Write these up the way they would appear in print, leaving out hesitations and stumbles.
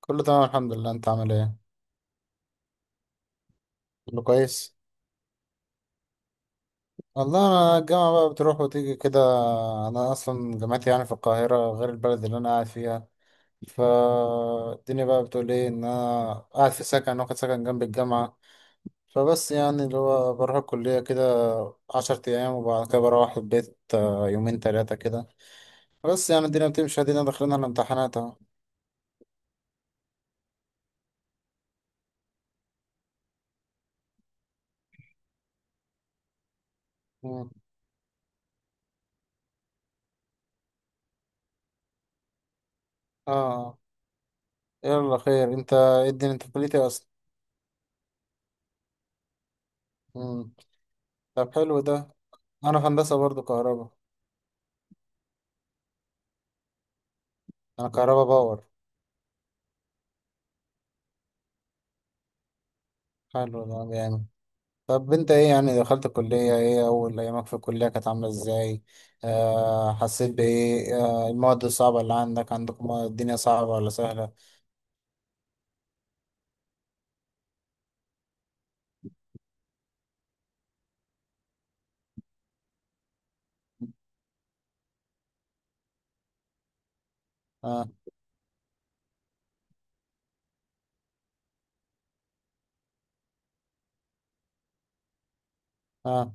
كله تمام الحمد لله، انت عامل ايه؟ كله كويس. والله انا الجامعه بقى بتروح وتيجي كده. انا اصلا جامعتي يعني في القاهره غير البلد اللي انا قاعد فيها. فالدنيا بقى بتقول ايه، ان انا قاعد في سكن، واخد سكن جنب الجامعه. فبس يعني اللي هو بروح الكليه كده 10 ايام وبعد كده بروح البيت، آه، يومين تلاتة كده. بس يعني الدنيا بتمشي، ادينا داخلين على الامتحانات اهو. مم. اه. يلا خير، انت ايه الدنيا، انت في كليتي اصلا؟ مم. طب حلو ده. انا في هندسه برضو كهرباء. انا كهربا باور. حلو ده جامد. طب انت ايه يعني، دخلت الكلية، ايه اول ايامك في الكلية كانت عاملة ازاي؟ آه، حسيت بايه؟ آه، المواد الصعبة اللي عندكم، الدنيا صعبة ولا سهلة؟ اه. اه.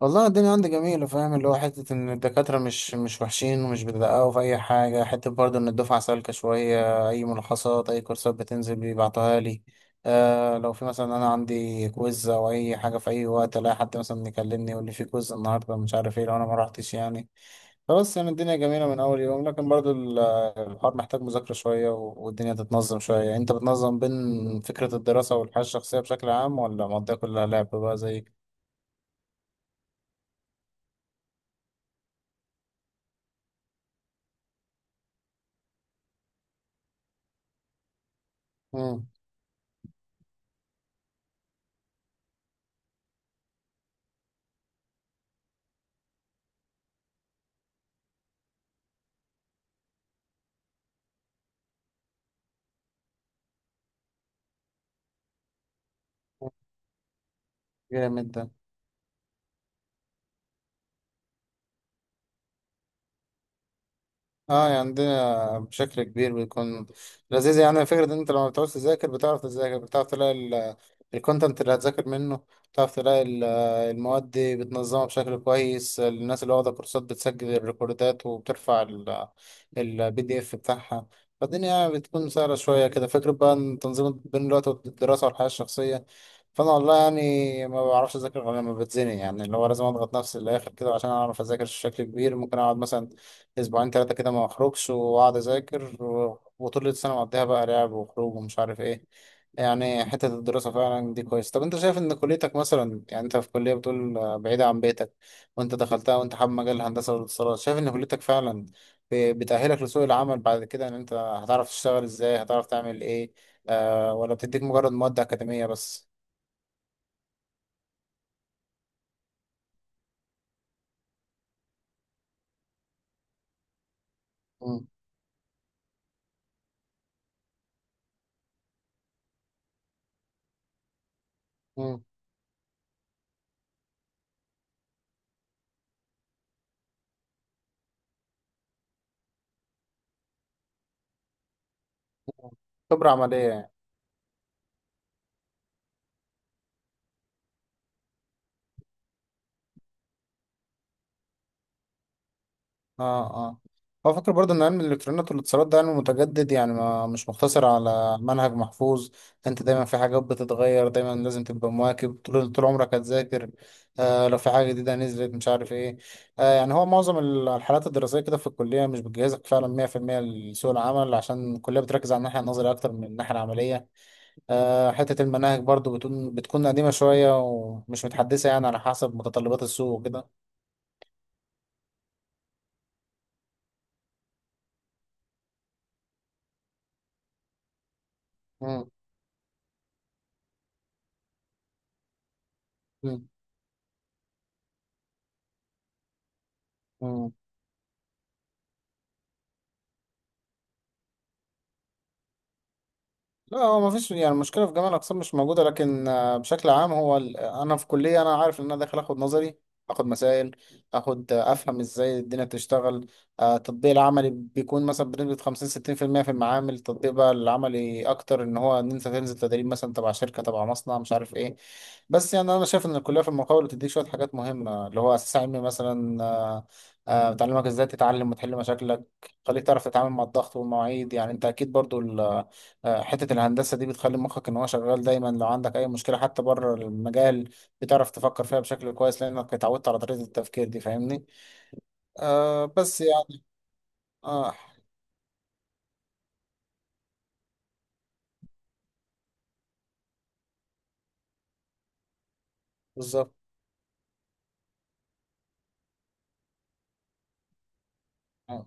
والله الدنيا عندي جميلة، فاهم اللي هو حتة إن الدكاترة مش وحشين ومش بيدققوا في أي حاجة، حتة برضه إن الدفعة سالكة شوية، أي ملخصات أي كورسات بتنزل بيبعتوها لي. آه، لو في مثلا أنا عندي كويز أو أي حاجة، في أي وقت ألاقي حد مثلا يكلمني يقول لي في كويز النهاردة مش عارف إيه لو أنا ما روحتش يعني. فبس يعني الدنيا جميلة من أول يوم، لكن برضه الحوار محتاج مذاكرة شوية، والدنيا تتنظم شوية. أنت بتنظم بين فكرة الدراسة والحياة الشخصية بشكل عام ولا مقضيها كلها لعب بقى زي؟ مم. جامد ده. اه يعني عندنا بشكل كبير بيكون لذيذ، يعني فكرة ان انت لما بتعوز تذاكر بتعرف تذاكر، بتعرف تلاقي الكونتنت اللي هتذاكر منه، بتعرف تلاقي المواد دي بتنظمها بشكل كويس. الناس اللي واخدة كورسات بتسجل الريكوردات وبترفع البي دي اف بتاعها. فالدنيا يعني بتكون سهلة شوية كده. فكرة بقى ان تنظيم بين الوقت والدراسة والحياة الشخصية، فانا والله يعني ما بعرفش اذاكر غير لما بتزنق، يعني اللي هو لازم اضغط نفسي للاخر كده عشان اعرف اذاكر بشكل كبير. ممكن اقعد مثلا اسبوعين ثلاثه كده ما اخرجش واقعد اذاكر، وطول السنه مقضيها بقى لعب وخروج ومش عارف ايه. يعني حته الدراسه فعلا دي كويس. طب انت شايف ان كليتك مثلا، يعني انت في كليه بتقول بعيده عن بيتك، وانت دخلتها وانت حابب مجال الهندسه والاتصالات، شايف ان كليتك فعلا بتأهلك لسوق العمل بعد كده، ان انت هتعرف تشتغل ازاي، هتعرف تعمل ايه؟ آه، ولا بتديك مجرد مواد اكاديميه بس؟ مم. مم. خبره عمليه يعني. اه. اه. بفكر برضه ان علم الالكترونيات والاتصالات ده علم متجدد، يعني ما مش مقتصر على منهج محفوظ. انت دايما في حاجات بتتغير، دايما لازم تبقى مواكب طول طول عمرك هتذاكر. آه، لو في حاجه جديده نزلت مش عارف ايه. آه، يعني هو معظم الحالات الدراسيه كده في الكليه مش بتجهزك فعلا 100% لسوق العمل، عشان الكليه بتركز على الناحيه النظريه اكتر من الناحيه العمليه. آه، حته المناهج برضه بتكون قديمه شويه ومش متحدثه، يعني على حسب متطلبات السوق وكده. مم، مم، مم. لا هو ما فيش يعني المشكله في جميع الاقسام مش موجوده، لكن آه، بشكل عام هو انا في كليه انا عارف ان انا داخل اخد نظري، اخد مسائل، اخد افهم ازاي الدنيا بتشتغل. آه، التطبيق العملي بيكون مثلا بنسبه 50 60% في المية، في المعامل التطبيق بقى العملي اكتر ان هو ان انت تنزل تدريب مثلا تبع شركه تبع مصنع مش عارف ايه. بس يعني انا شايف ان الكليه في المقاول بتديك شويه حاجات مهمه، اللي هو اساس علمي مثلا، بتعلمك ازاي تتعلم وتحل مشاكلك، خليك تعرف تتعامل مع الضغط والمواعيد. يعني انت اكيد برضو آه، حتة الهندسة دي بتخلي مخك إن هو شغال دايما، لو عندك أي مشكلة حتى بره المجال بتعرف تفكر فيها بشكل كويس، لأنك اتعودت على طريقة التفكير دي. فاهمني؟ آه بس يعني. آه. بالظبط. آه.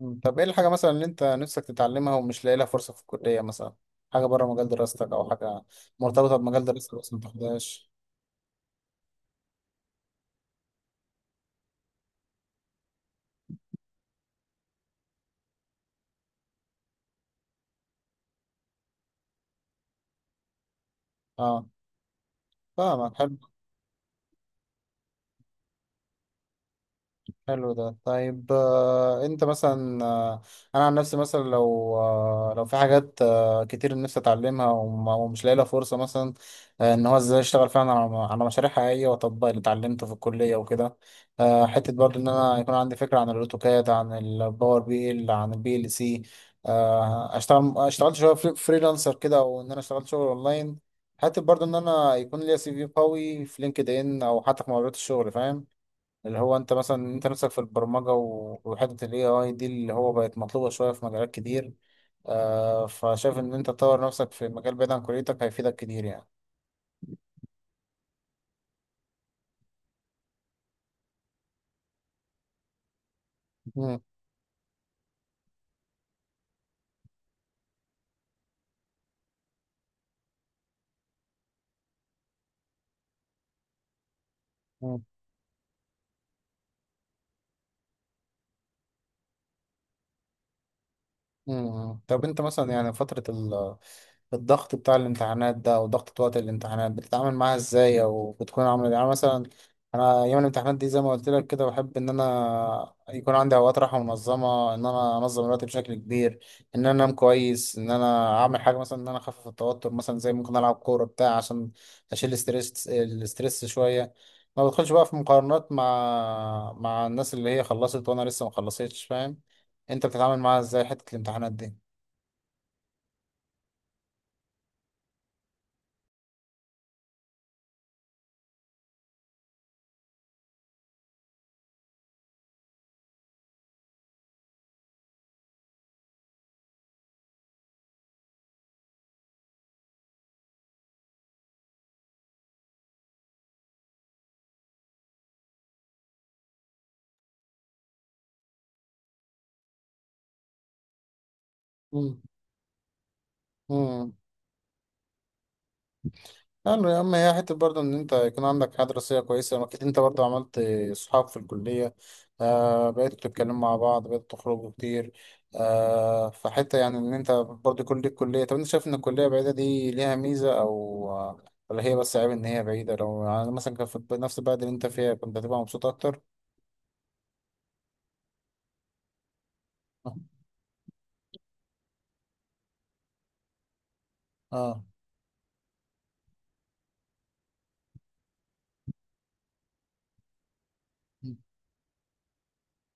م. طب إيه الحاجة مثلا اللي أنت نفسك تتعلمها ومش لاقي لها فرصة في الكلية مثلا؟ حاجة بره مجال دراستك، أو حاجة مرتبطة بمجال دراستك بس ما تاخدهاش؟ آه فاهمك. حلو. حلو ده. طيب آه، انت مثلا آه، انا عن نفسي مثلا لو آه، لو في حاجات آه، كتير نفسي اتعلمها ومش لاقي لها فرصه مثلا. آه، ان هو ازاي اشتغل فعلا على مشاريع حقيقيه واطبق اللي اتعلمته في الكليه وكده. آه، حته برضو ان انا يكون عندي فكره عن الاوتوكاد، عن الباور بي ال، عن البي ال سي. آه، اشتغلت شويه فريلانسر كده، او ان انا اشتغلت شغل اونلاين. حتى برضو ان انا يكون ليا سي في قوي في لينكد ان، او حتى في مقابلات الشغل. فاهم اللي هو انت مثلا، انت نفسك في البرمجة وحتة ال AI دي اللي هو بقت مطلوبة شوية في مجالات كتير. آه، فشايف ان انت تطور نفسك في مجال بعيد عن كليتك هيفيدك كتير يعني. مم. مم. مم. طب انت مثلا يعني فترة الضغط بتاع الامتحانات ده، او ضغط وقت الامتحانات، بتتعامل معاها ازاي؟ او بتكون عامله يعني مثلا؟ انا ايام الامتحانات دي زي ما قلت لك كده، بحب ان انا يكون عندي اوقات راحه منظمه، ان انا انظم الوقت بشكل كبير، ان انا انام كويس، ان انا اعمل حاجه مثلا ان انا اخفف التوتر، مثلا زي ممكن العب كوره بتاع عشان اشيل الاسترس شويه. ما بدخلش بقى في مقارنات مع الناس اللي هي خلصت وانا لسه ما خلصتش. فاهم انت بتتعامل معاها ازاي حته الامتحانات دي؟ مم. حلو يا عم. هي حتة برضه إن أنت يكون عندك حياة دراسية كويسة، أكيد أنت برضه عملت صحاب في الكلية، آه، بقيتوا تتكلموا مع بعض، بقيتوا تخرجوا كتير. آه، فحتة يعني إن أنت برضه يكون ليك كلية. طب أنت شايف إن الكلية بعيدة دي ليها ميزة، أو آه، ولا هي بس عيب إن هي بعيدة؟ لو يعني مثلا كان في نفس البلد اللي أنت فيها، كنت هتبقى مبسوط أكتر؟ آه.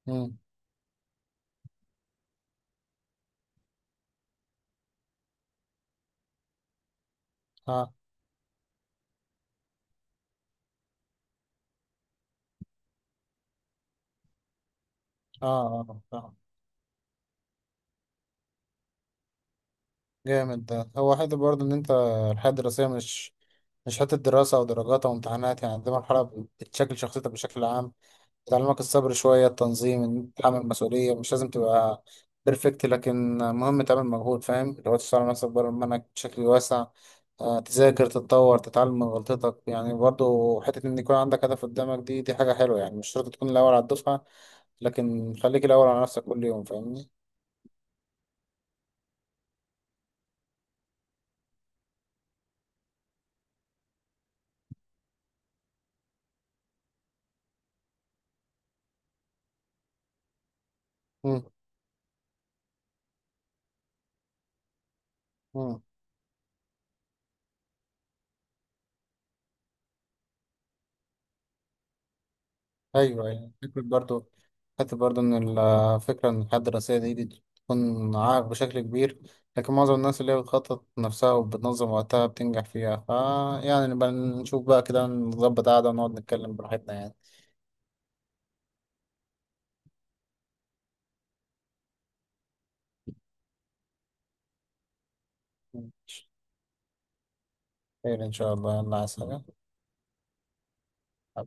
آه آه آه آه آه. جامد ده. هو حته برضه ان انت الحياه الدراسيه مش، مش حته دراسه او درجات او امتحانات يعني، دي مرحله بتشكل شخصيتك بشكل عام. بتعلمك الصبر شويه، التنظيم، إن تتحمل مسؤوليه. مش لازم تبقى بيرفكت، لكن مهم تعمل مجهود. فاهم لو تشتغل على نفسك بره المنهج بشكل واسع، آه، تذاكر تتطور تتعلم من غلطتك. يعني برضه حته ان يكون عندك هدف قدامك، دي حاجه حلوه يعني. مش شرط تكون الاول على الدفعه، لكن خليك الاول على نفسك كل يوم. فاهمني؟ مم، مم. ايوه يعني فكرة برضه، حتى برضه إن الفكرة إن الحياة الدراسية دي بتكون عائق بشكل كبير، لكن معظم الناس اللي هي بتخطط نفسها وبتنظم وقتها بتنجح فيها. فا يعني نبقى نشوف بقى كده، نظبط قعدة ونقعد نتكلم براحتنا يعني. خير إن شاء الله. يلا عايز حاجة؟